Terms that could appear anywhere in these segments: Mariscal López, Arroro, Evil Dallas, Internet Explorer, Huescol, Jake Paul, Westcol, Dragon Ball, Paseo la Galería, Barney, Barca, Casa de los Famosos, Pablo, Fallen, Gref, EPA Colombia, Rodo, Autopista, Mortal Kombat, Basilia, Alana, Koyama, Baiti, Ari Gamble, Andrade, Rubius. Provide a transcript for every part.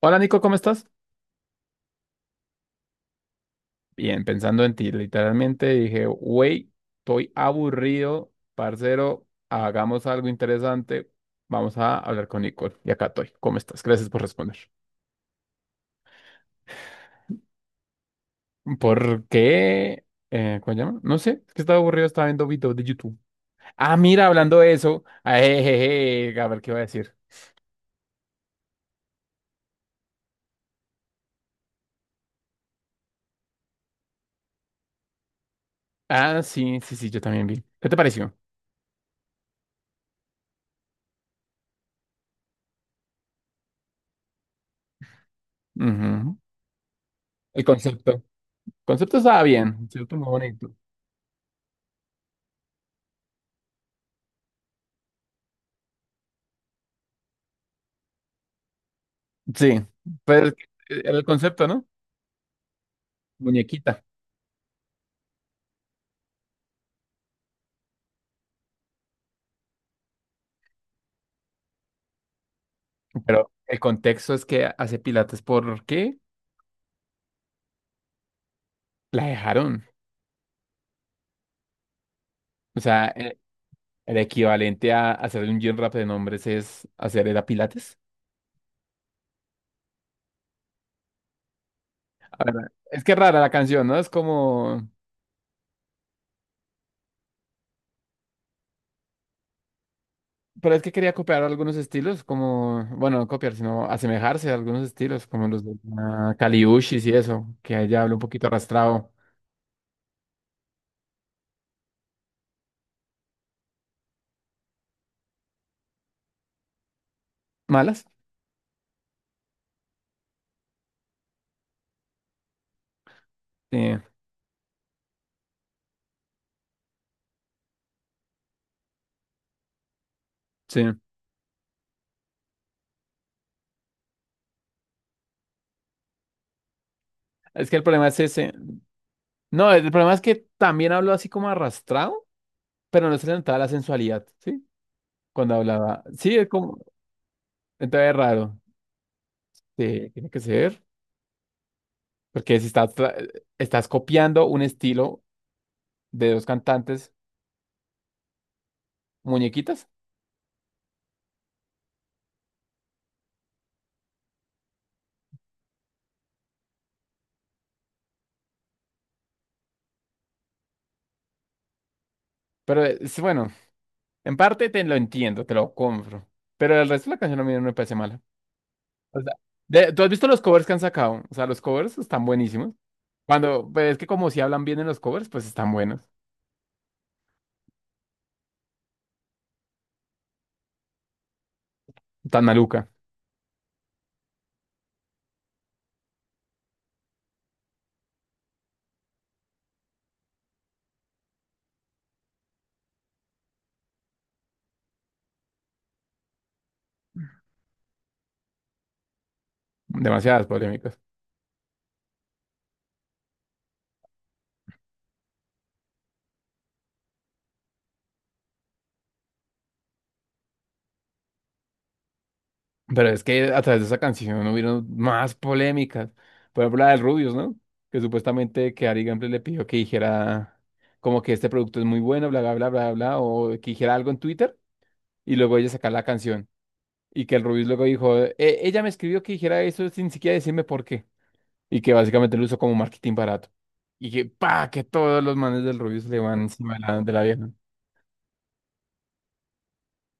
Hola Nico, ¿cómo estás? Bien, pensando en ti, literalmente dije, wey, estoy aburrido, parcero, hagamos algo interesante, vamos a hablar con Nicole. Y acá estoy, ¿cómo estás? Gracias por responder. ¿Por qué? ¿Cómo se llama? No sé, es que estaba aburrido, estaba viendo videos de YouTube. Ah, mira, hablando de eso, jejeje, a ver qué iba a decir. Ah, sí, sí, sí, yo también vi. ¿Qué te pareció? Ujú. El concepto. El concepto estaba bien, el concepto muy bonito. Sí, pero el concepto, ¿no? Muñequita. Pero el contexto es que hace pilates porque la dejaron. O sea, el equivalente a hacer un gym rap de nombres es hacer era pilates. Ahora, es que es rara la canción, ¿no? Es como... Pero es que quería copiar algunos estilos, como... Bueno, no copiar, sino asemejarse a algunos estilos, como los de Kaliushis y eso, que ella habla un poquito arrastrado. ¿Malas? Sí, sí. Es que el problema es ese. No, el problema es que también hablo así como arrastrado, pero no se le notaba la sensualidad, ¿sí? Cuando hablaba. Sí, es como, entonces es raro. Sí, tiene que ser. Porque si estás, tra- estás copiando un estilo de dos cantantes muñequitas. Pero es bueno, en parte te lo entiendo, te lo compro. Pero el resto de la canción a mí no me parece mala. O sea, de- ¿tú has visto los covers que han sacado? O sea, los covers están buenísimos. Cuando, pues es que como si hablan bien en los covers, pues están buenos. Están maluca. Demasiadas polémicas. Pero es que a través de esa canción hubieron más polémicas. Por ejemplo, la del Rubius, ¿no? Que supuestamente que Ari Gamble le pidió que dijera como que este producto es muy bueno, bla, bla, bla, bla, bla, o que dijera algo en Twitter y luego ella sacar la canción. Y que el Rubius luego dijo, ella me escribió que dijera eso sin siquiera decirme por qué. Y que básicamente lo usó como marketing barato. Y que, pa, que todos los manes del Rubius le van encima de la vieja.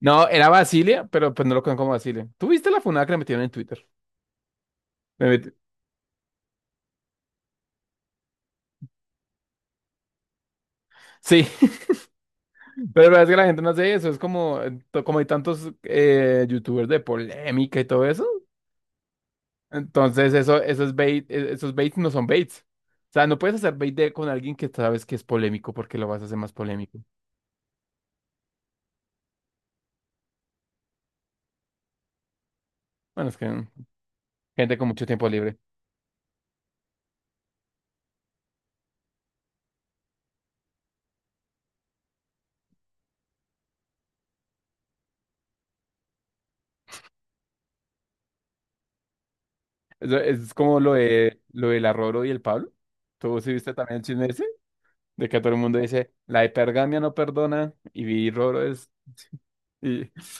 No, era Basilia, pero pues no lo conozco como Basilia. ¿Tú viste la funada que le metieron en Twitter? Me metí- Sí, pero la verdad es que la gente no hace eso, es como, to- como hay tantos youtubers de polémica y todo eso. Entonces, eso, esos bait, e- esos baits no son baits. O sea, no puedes hacer bait de- con alguien que sabes que es polémico porque lo vas a hacer más polémico. Bueno, es que gente con mucho tiempo libre. Eso- Es, como lo de lo del Arroro y el Pablo. ¿Tú sí viste también el chisme ese? De que todo el mundo dice, la hipergamia no perdona y Roro es.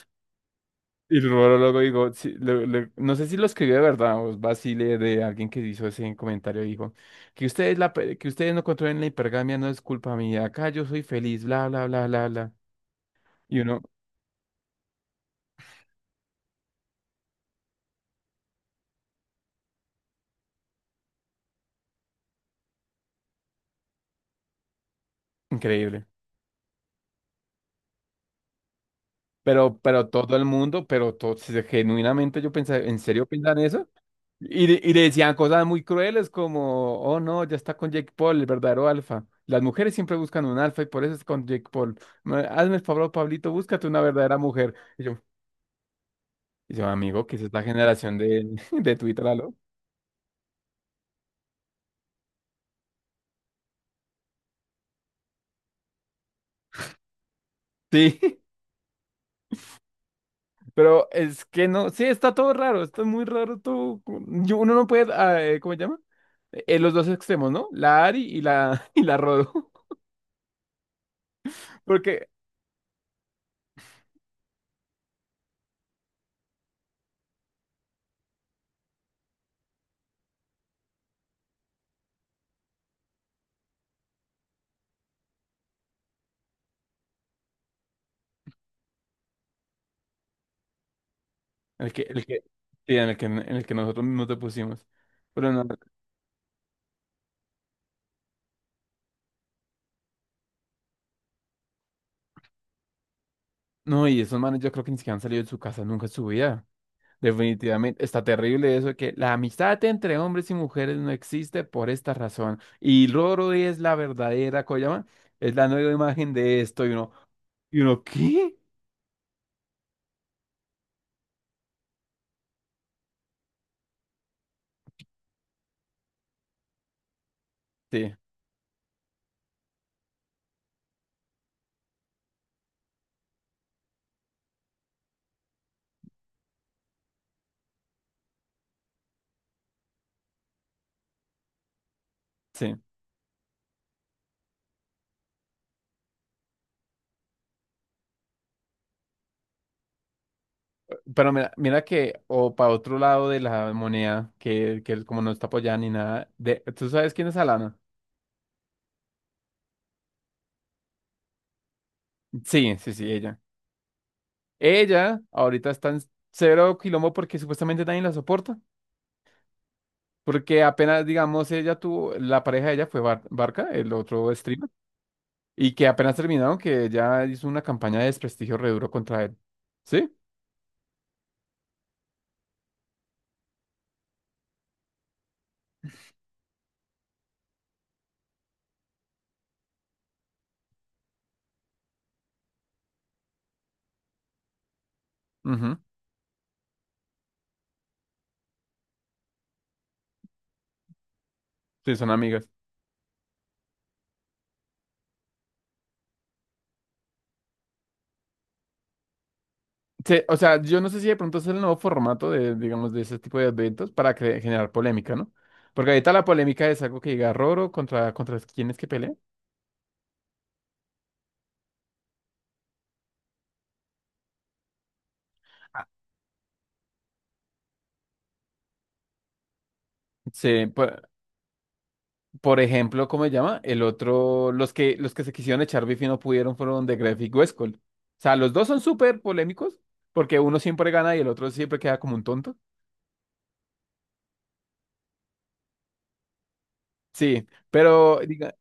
Y luego, luego digo, sí, le- le- no sé si lo escribió de verdad o es vacile de alguien que hizo ese comentario, dijo, que ustedes, la, pe- que ustedes no controlen la hipergamia no es culpa mía, acá yo soy feliz, bla, bla, bla, bla, bla. Y uno, increíble. Pero todo el mundo, pero todo, si se- genuinamente yo pensaba, ¿en serio piensan eso? Y, de- y le decían cosas muy crueles como, oh no, ya está con Jake Paul, el verdadero alfa. Las mujeres siempre buscan un alfa y por eso es con Jake Paul. Ma- Hazme el favor, Pablito, búscate una verdadera mujer. Y yo, amigo, que es esta generación de, de Twitter, ¿aló? Sí, pero es que no, sí, está todo raro, está muy raro todo. Co- Yo, uno no puede, ¿cómo se llama? Los dos extremos, ¿no? La Ari y la, y la Rodo. Porque el que, sí, en el que nosotros mismos te pusimos. Pero no, no, y esos manes yo creo que ni siquiera han salido de su casa nunca en su vida. Definitivamente, está terrible eso de que la amistad entre hombres y mujeres no existe por esta razón. Y Roro es la verdadera Koyama, es la nueva imagen de esto. ¿Y uno qué? Sí, sí. Pero mira, mira que, o para otro lado de la moneda, que él como no está apoyada ni nada, de, ¿tú sabes quién es Alana? Sí, sí, sí, ella. Ella ahorita está en cero quilombo porque supuestamente nadie la soporta. Porque apenas, digamos, ella tuvo, la pareja de ella fue Bar- Barca, el otro streamer. Y que apenas terminaron, que ya hizo una campaña de desprestigio re duro contra él. ¿Sí? Ujú. Sí, son amigas. Sí, o sea, yo no sé si de pronto es el nuevo formato de, digamos, de ese tipo de eventos para cre- generar polémica, ¿no? Porque ahorita la polémica es algo que diga Roro contra, contra quienes que pelean. Sí, por ejemplo, ¿cómo se llama? El otro, los que se quisieron echar beef y no pudieron fueron de Gref y Westcol. O sea, los dos son súper polémicos porque uno siempre gana y el otro siempre queda como un tonto. Sí, pero diga-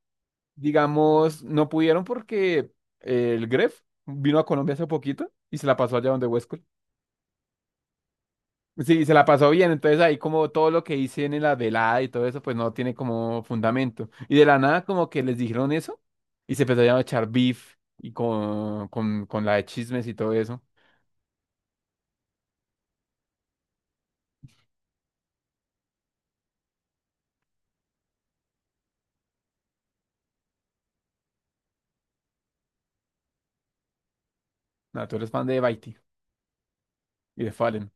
digamos, no pudieron porque el Gref vino a Colombia hace poquito y se la pasó allá donde Huescol. Sí, se la pasó bien, entonces ahí como todo lo que dicen en la velada y todo eso, pues no tiene como fundamento. Y de la nada como que les dijeron eso y se empezaron a echar beef y con la de chismes y todo eso. No, tú eres fan de Baiti y de Fallen.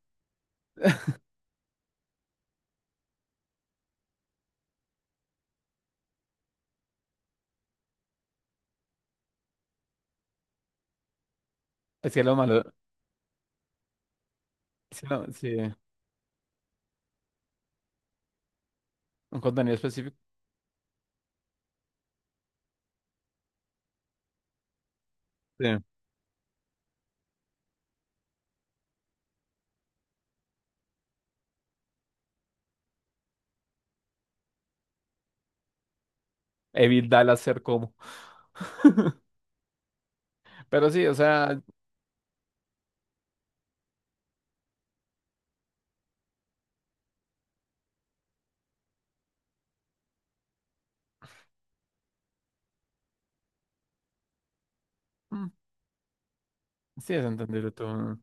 Es que lo malo, sí, no, sí, un contenido específico. Sí. Evil Dallas ser como. Pero sí, o sea, mm, sí es entendible todo.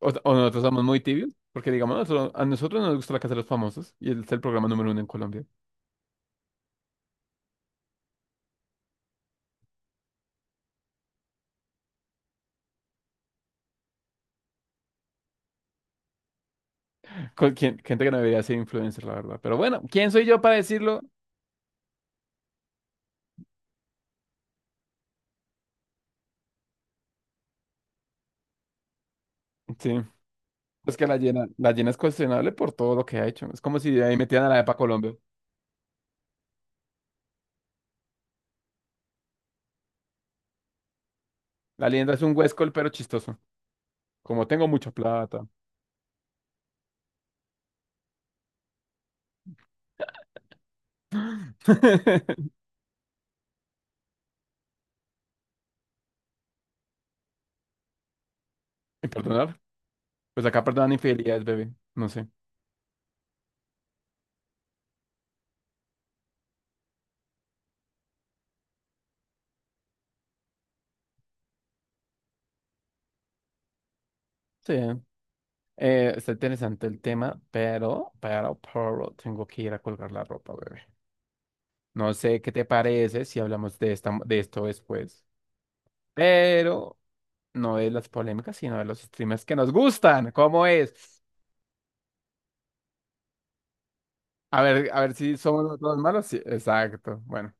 O nosotros somos muy tibios, porque digamos, nosotros- a nosotros nos gusta la Casa de los Famosos y es el programa número uno en Colombia. Con, quien- gente que no debería ser influencer, la verdad. Pero bueno, ¿quién soy yo para decirlo? Sí, es que la llena es cuestionable por todo lo que ha hecho. Es como si de ahí metieran a la EPA Colombia. La leyenda es un huescol, pero chistoso. Como tengo mucha plata. Y perdonar, pues acá perdonan infidelidades, bebé. No sé. Sí, está interesante el tema, pero tengo que ir a colgar la ropa, bebé. No sé qué te parece si hablamos de esta, de esto después, pero no de las polémicas, sino de los streamers que nos gustan. ¿Cómo es? A ver si somos todos malos. Sí, exacto. Bueno,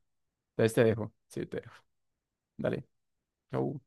entonces te dejo. Sí, te dejo. Dale. Chau.